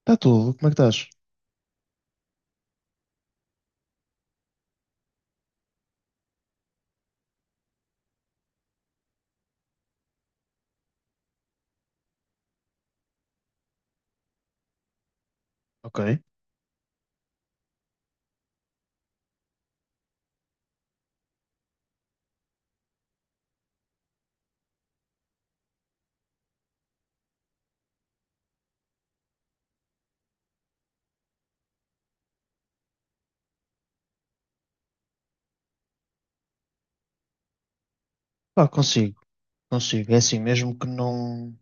Está tudo, como é que estás? Ok. Pá, consigo, consigo. É assim,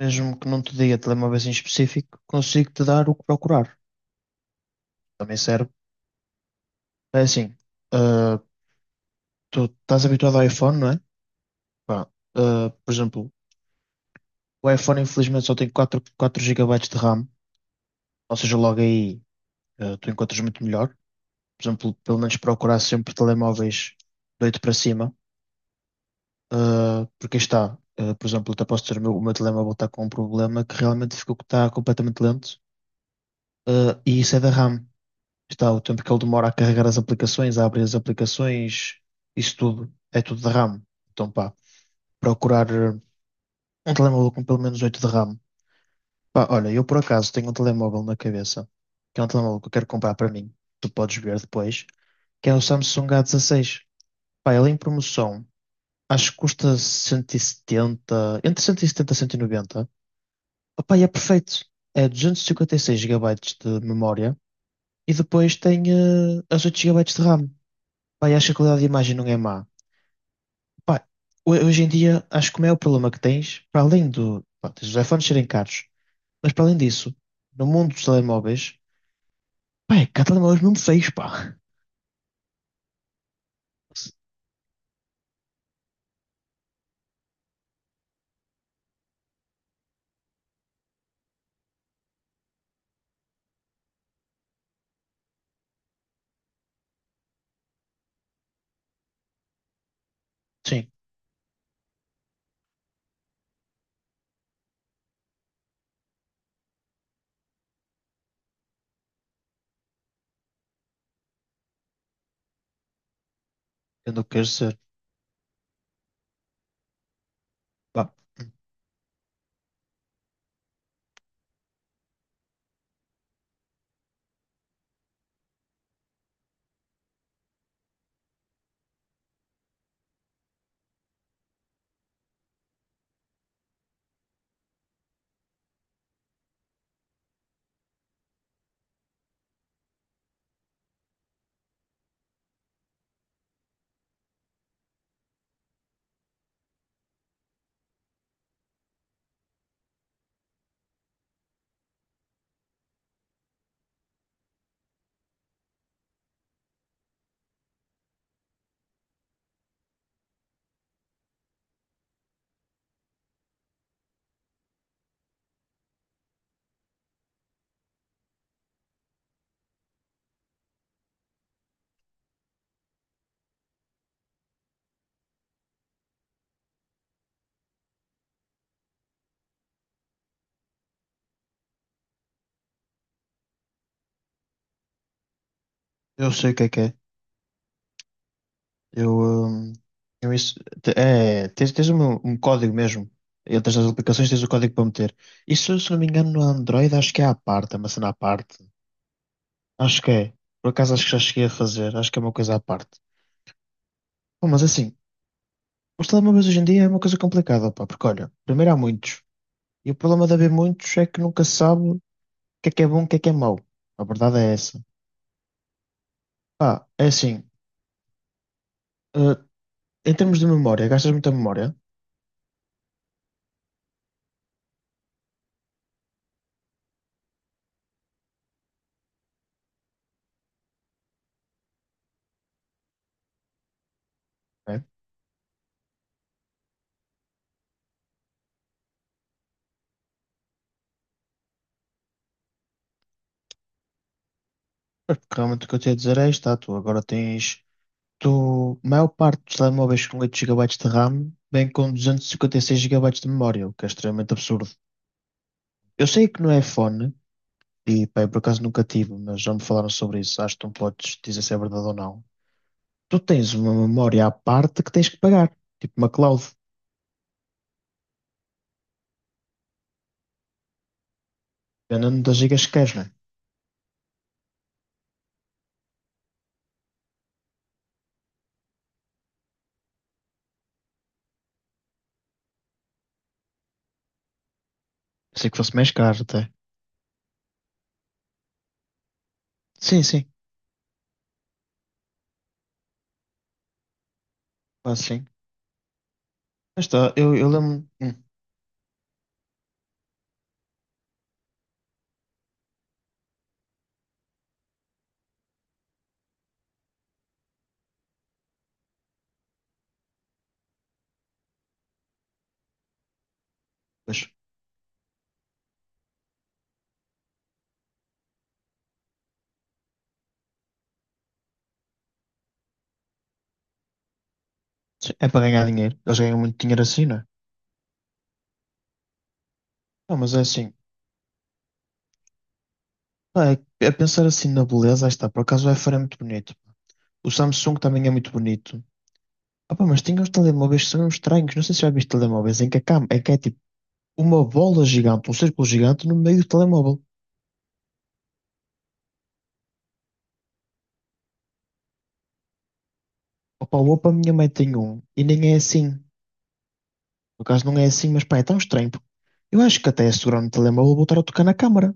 mesmo que não te diga telemóveis em específico, consigo te dar o que procurar. Também serve. É assim, ah, tu estás habituado ao iPhone, não é? Pá, por exemplo, o iPhone infelizmente só tem quatro gigabytes de RAM, ou seja, logo aí tu encontras muito melhor. Por exemplo, pelo menos procurar sempre telemóveis de 8 para cima. Porque aí está, por exemplo, até posso dizer, o meu telemóvel está com um problema que realmente ficou que está completamente lento. E isso é da RAM. Está o tempo que ele demora a carregar as aplicações, a abrir as aplicações, isso tudo, é tudo da RAM. Então, pá, procurar um telemóvel com pelo menos 8 de RAM. Pá, olha, eu por acaso tenho um telemóvel na cabeça, que é um telemóvel que eu quero comprar para mim, tu podes ver depois, que é o Samsung A16. Pá, ele é em promoção, acho que custa 170 entre 170 e setenta e cento e noventa. Opa, e é perfeito. É 256 gigabytes de memória e depois tem as 8 gigabytes de RAM. Pá, e acho que a qualidade de imagem não é má. Pá, hoje em dia, acho que o maior problema que tens, para além do, pá, tens os iPhones serem caros, mas para além disso, no mundo dos telemóveis, pá, é que há telemóveis mesmo feios, pá. Sim, eu não quero ser. Pá, eu sei o que é que é. Eu, eu isso, é, tens um, um código mesmo. Entras nas aplicações, tens o código para meter. Isso, se não me engano, no Android, acho que é à parte, é uma cena à parte. Acho que é. Por acaso, acho que já cheguei a fazer. Acho que é uma coisa à parte. Bom, mas assim, os telemóveis hoje em dia é uma coisa complicada, pá, porque olha, primeiro há muitos. E o problema de haver muitos é que nunca se sabe o que é bom e o que é mau. A verdade é essa. Pá, é assim, eh, em termos de memória, gastas muita memória, né? Mas porque realmente o que eu te ia dizer é isto, tá, tu agora tens. Tu a maior parte dos telemóveis com 8 gigabytes de RAM vem com 256 gigabytes de memória, o que é extremamente absurdo. Eu sei que não é fone, e pá, eu por acaso nunca tive, mas já me falaram sobre isso. Acho que não podes dizer se é verdade ou não. Tu tens uma memória à parte que tens que pagar, tipo uma cloud, dependendo das gigas que queres, né? Pensei que fosse mais caro até. Sim, sim, quase sim. Mas tá, eu lembro. Pois, sim, é para ganhar dinheiro. Eles ganham muito dinheiro assim, não é? Não, mas é assim. Pá, a pensar assim na beleza, aí está, por acaso o iPhone é muito bonito. O Samsung também é muito bonito. Opa, mas tem uns telemóveis que são uns estranhos. Não sei se já viste telemóveis em que, em que é tipo uma bola gigante, um círculo gigante no meio do telemóvel. Opa, o Oppo, a minha mãe tem um e nem é assim. No caso, não é assim, mas pá, é tão estranho. Porque eu acho que até a segurar no telemóvel vou estar a tocar na câmara.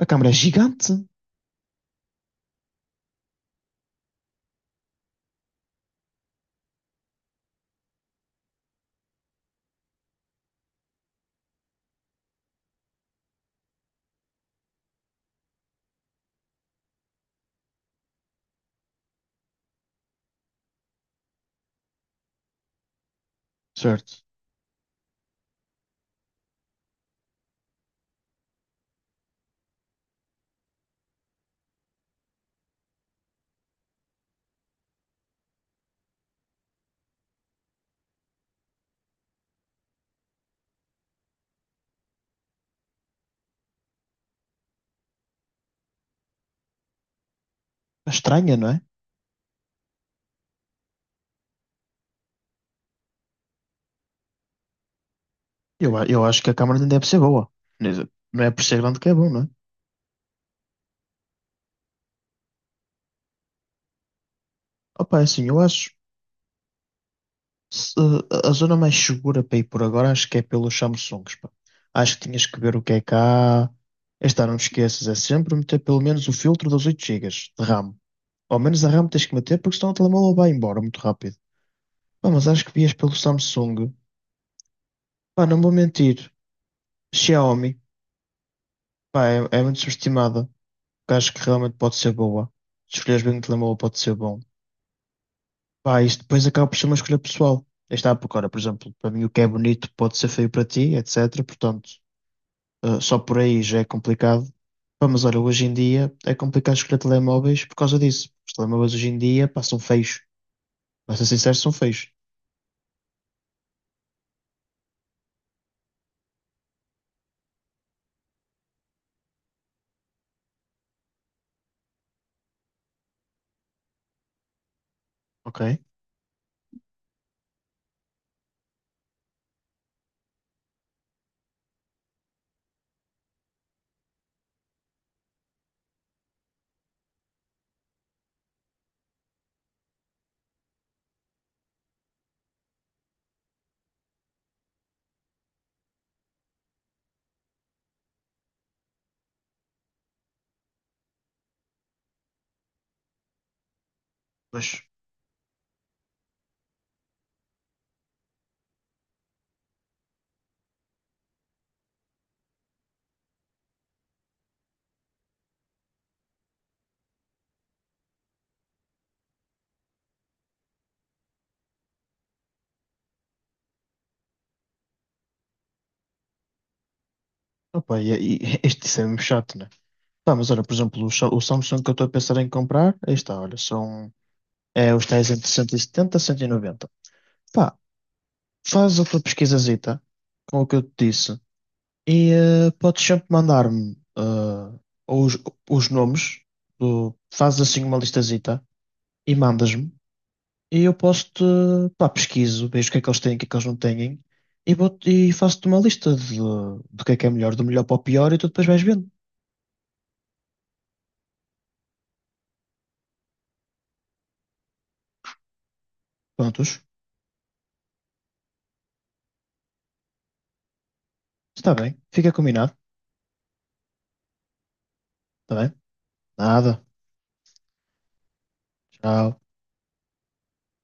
A câmara é gigante, certo? É estranha, não é? Eu acho que a câmara nem deve ser boa. Quer dizer, não é por ser grande que é bom, não é? Opa, é assim, eu acho. Se- a zona mais segura para ir por agora acho que é pelos Samsungs, pá. Acho que tinhas que ver o que é cá. Esta não te esqueças, é sempre meter pelo menos o filtro dos 8 gigas de RAM. Ao menos a RAM tens que meter porque senão o telemóvel vai embora muito rápido. Pá, mas acho que vias pelo Samsung. Pá, não vou mentir. Xiaomi, pá, é muito subestimada. Porque acho que realmente pode ser boa. Se escolheres bem o telemóvel pode ser bom. Pá, isto depois acaba por ser uma escolha pessoal. Aí está, porque, ora, por exemplo, para mim o que é bonito pode ser feio para ti, etc. Portanto. Só por aí já é complicado. Pá, mas olha, hoje em dia é complicado escolher telemóveis por causa disso. Os telemóveis hoje em dia passam feios. Para ser sincero, são feios. Ok? Mas, opa, e este isso é mesmo chato, né? Pá, mas olha, por exemplo, o Samsung que eu estou a pensar em comprar, aí está, olha, são é, os tais entre cento e setenta, e cento e noventa. Pá, faz a tua pesquisazita com o que eu te disse e podes sempre mandar-me os, os nomes, do, fazes assim uma listazita e mandas-me e eu posso-te, pá, pesquiso, vejo o que é que eles têm, o que é que eles não têm e, vou e faço-te uma lista de, do que é melhor, do melhor para o pior e tu depois vais vendo. Prontos, está bem, fica combinado, está bem? Nada, tchau.